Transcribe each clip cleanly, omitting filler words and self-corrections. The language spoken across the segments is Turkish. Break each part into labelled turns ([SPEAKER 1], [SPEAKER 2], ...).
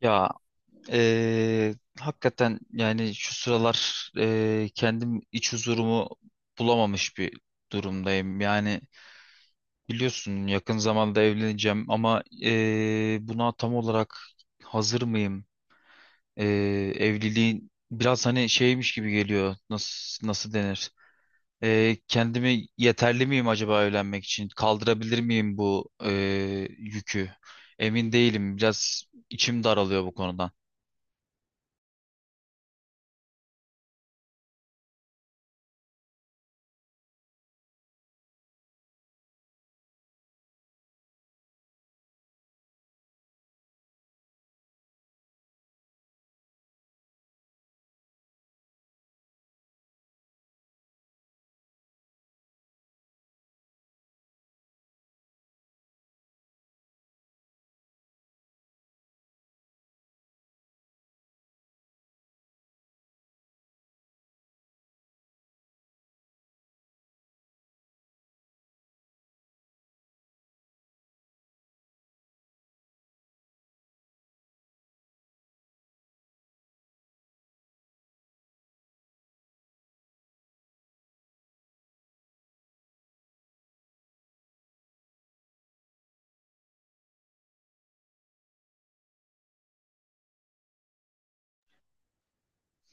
[SPEAKER 1] Ya hakikaten yani şu sıralar kendim iç huzurumu bulamamış bir durumdayım. Yani biliyorsun yakın zamanda evleneceğim ama buna tam olarak hazır mıyım? Eee, evliliğin biraz hani şeymiş gibi geliyor. Nasıl denir? Kendimi yeterli miyim acaba evlenmek için? Kaldırabilir miyim bu yükü? Emin değilim. Biraz içim daralıyor bu konudan.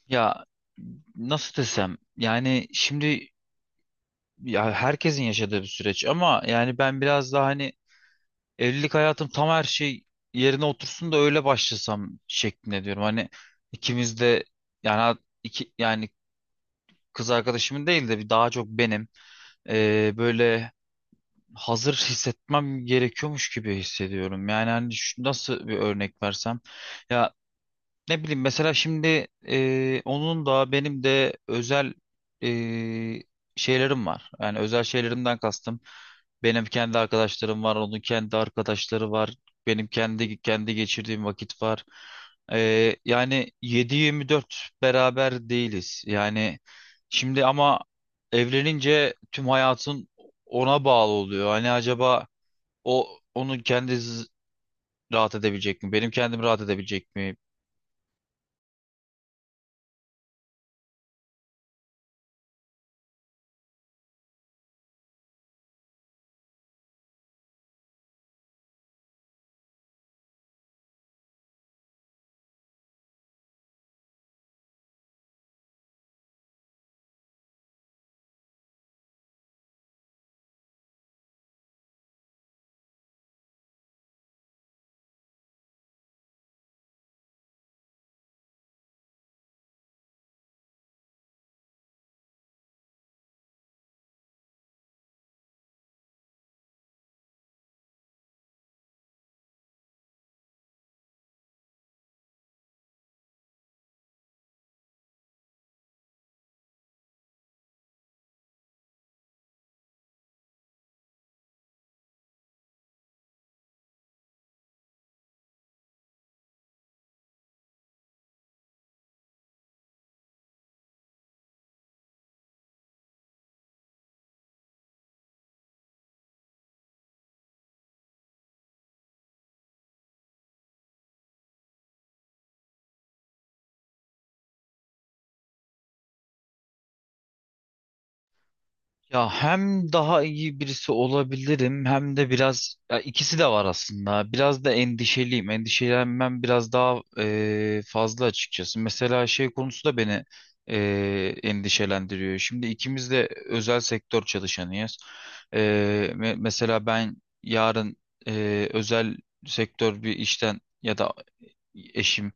[SPEAKER 1] Ya nasıl desem yani şimdi ya herkesin yaşadığı bir süreç ama yani ben biraz daha hani evlilik hayatım tam her şey yerine otursun da öyle başlasam şeklinde diyorum. Hani ikimiz de yani iki yani kız arkadaşımın değil de bir daha çok benim böyle hazır hissetmem gerekiyormuş gibi hissediyorum. Yani hani nasıl bir örnek versem ya, ne bileyim mesela şimdi onun da benim de özel e, şeylerim var. Yani özel şeylerimden kastım. Benim kendi arkadaşlarım var, onun kendi arkadaşları var. Benim kendi geçirdiğim vakit var. E, yani 7-24 beraber değiliz. Yani şimdi ama evlenince tüm hayatın ona bağlı oluyor. Hani acaba o onun kendi rahat edebilecek mi? Benim kendim rahat edebilecek mi? Ya hem daha iyi birisi olabilirim hem de biraz ya ikisi de var aslında. Biraz da endişeliyim. Endişelenmem biraz daha fazla açıkçası. Mesela şey konusu da beni endişelendiriyor. Şimdi ikimiz de özel sektör çalışanıyız. Eee, mesela ben yarın özel sektör bir işten ya da eşim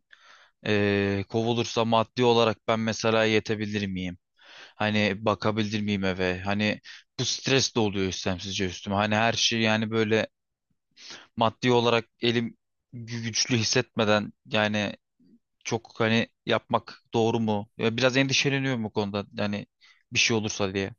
[SPEAKER 1] kovulursa maddi olarak ben mesela yetebilir miyim? Hani bakabilir miyim eve? Hani bu stres de oluyor istemsizce üstüme. Hani her şey yani böyle maddi olarak elim güçlü hissetmeden yani çok hani yapmak doğru mu? Ya biraz endişeleniyorum bu konuda. Yani bir şey olursa diye.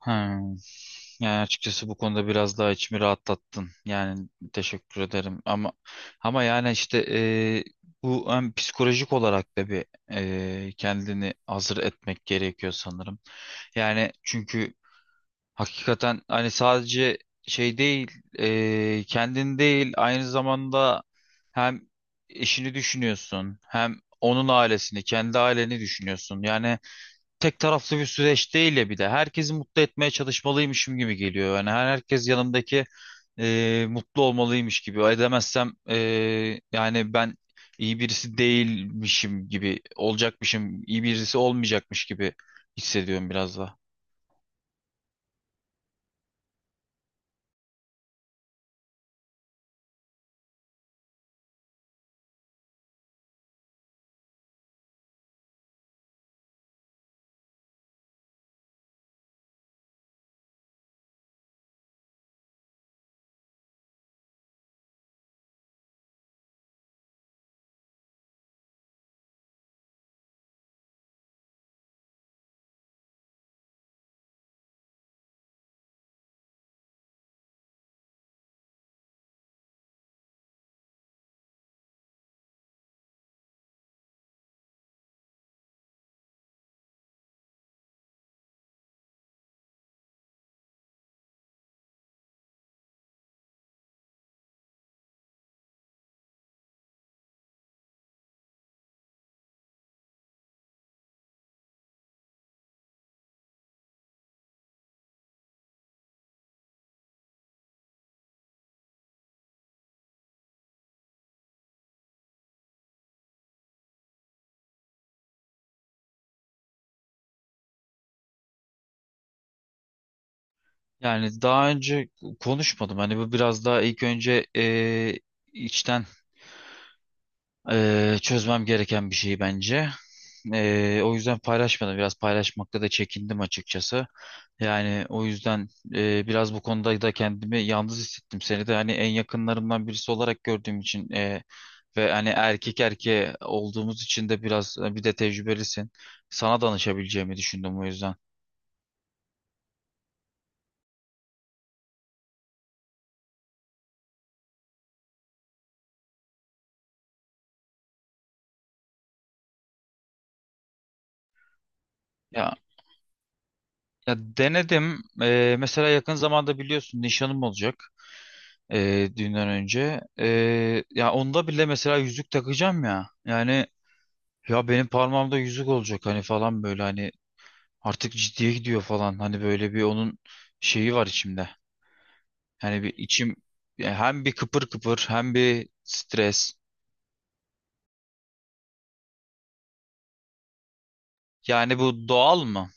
[SPEAKER 1] Hmm. Yani açıkçası bu konuda biraz daha içimi rahatlattın. Yani teşekkür ederim. Ama yani işte bu hem psikolojik olarak da bir kendini hazır etmek gerekiyor sanırım. Yani çünkü hakikaten hani sadece şey değil, kendin değil aynı zamanda hem eşini düşünüyorsun, hem onun ailesini, kendi aileni düşünüyorsun. Yani tek taraflı bir süreç değil ya bir de. Herkesi mutlu etmeye çalışmalıymışım gibi geliyor. Yani herkes yanımdaki mutlu olmalıymış gibi. Edemezsem yani ben iyi birisi değilmişim gibi olacakmışım, iyi birisi olmayacakmış gibi hissediyorum biraz da. Yani daha önce konuşmadım. Hani bu biraz daha ilk önce içten çözmem gereken bir şey bence. O yüzden paylaşmadım. Biraz paylaşmakta da çekindim açıkçası. Yani o yüzden biraz bu konuda da kendimi yalnız hissettim. Seni de hani en yakınlarımdan birisi olarak gördüğüm için ve hani erkek erkeğe olduğumuz için de biraz bir de tecrübelisin. Sana danışabileceğimi düşündüm o yüzden. Ya Ya denedim. Mesela yakın zamanda biliyorsun nişanım olacak, düğünden önce. Ya onda bile mesela yüzük takacağım ya. Yani ya benim parmağımda yüzük olacak hani falan böyle hani artık ciddiye gidiyor falan. Hani böyle bir onun şeyi var içimde. Yani bir içim ya hem bir kıpır kıpır hem bir stres. Yani bu doğal mı?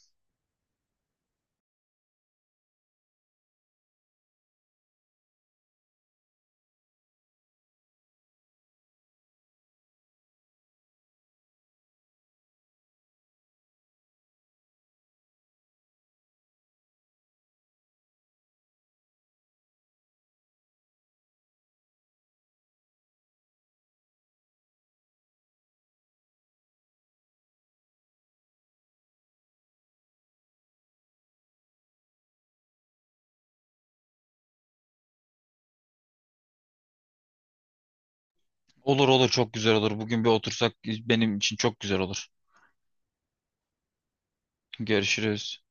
[SPEAKER 1] Olur olur, çok güzel olur. Bugün bir otursak benim için çok güzel olur. Görüşürüz.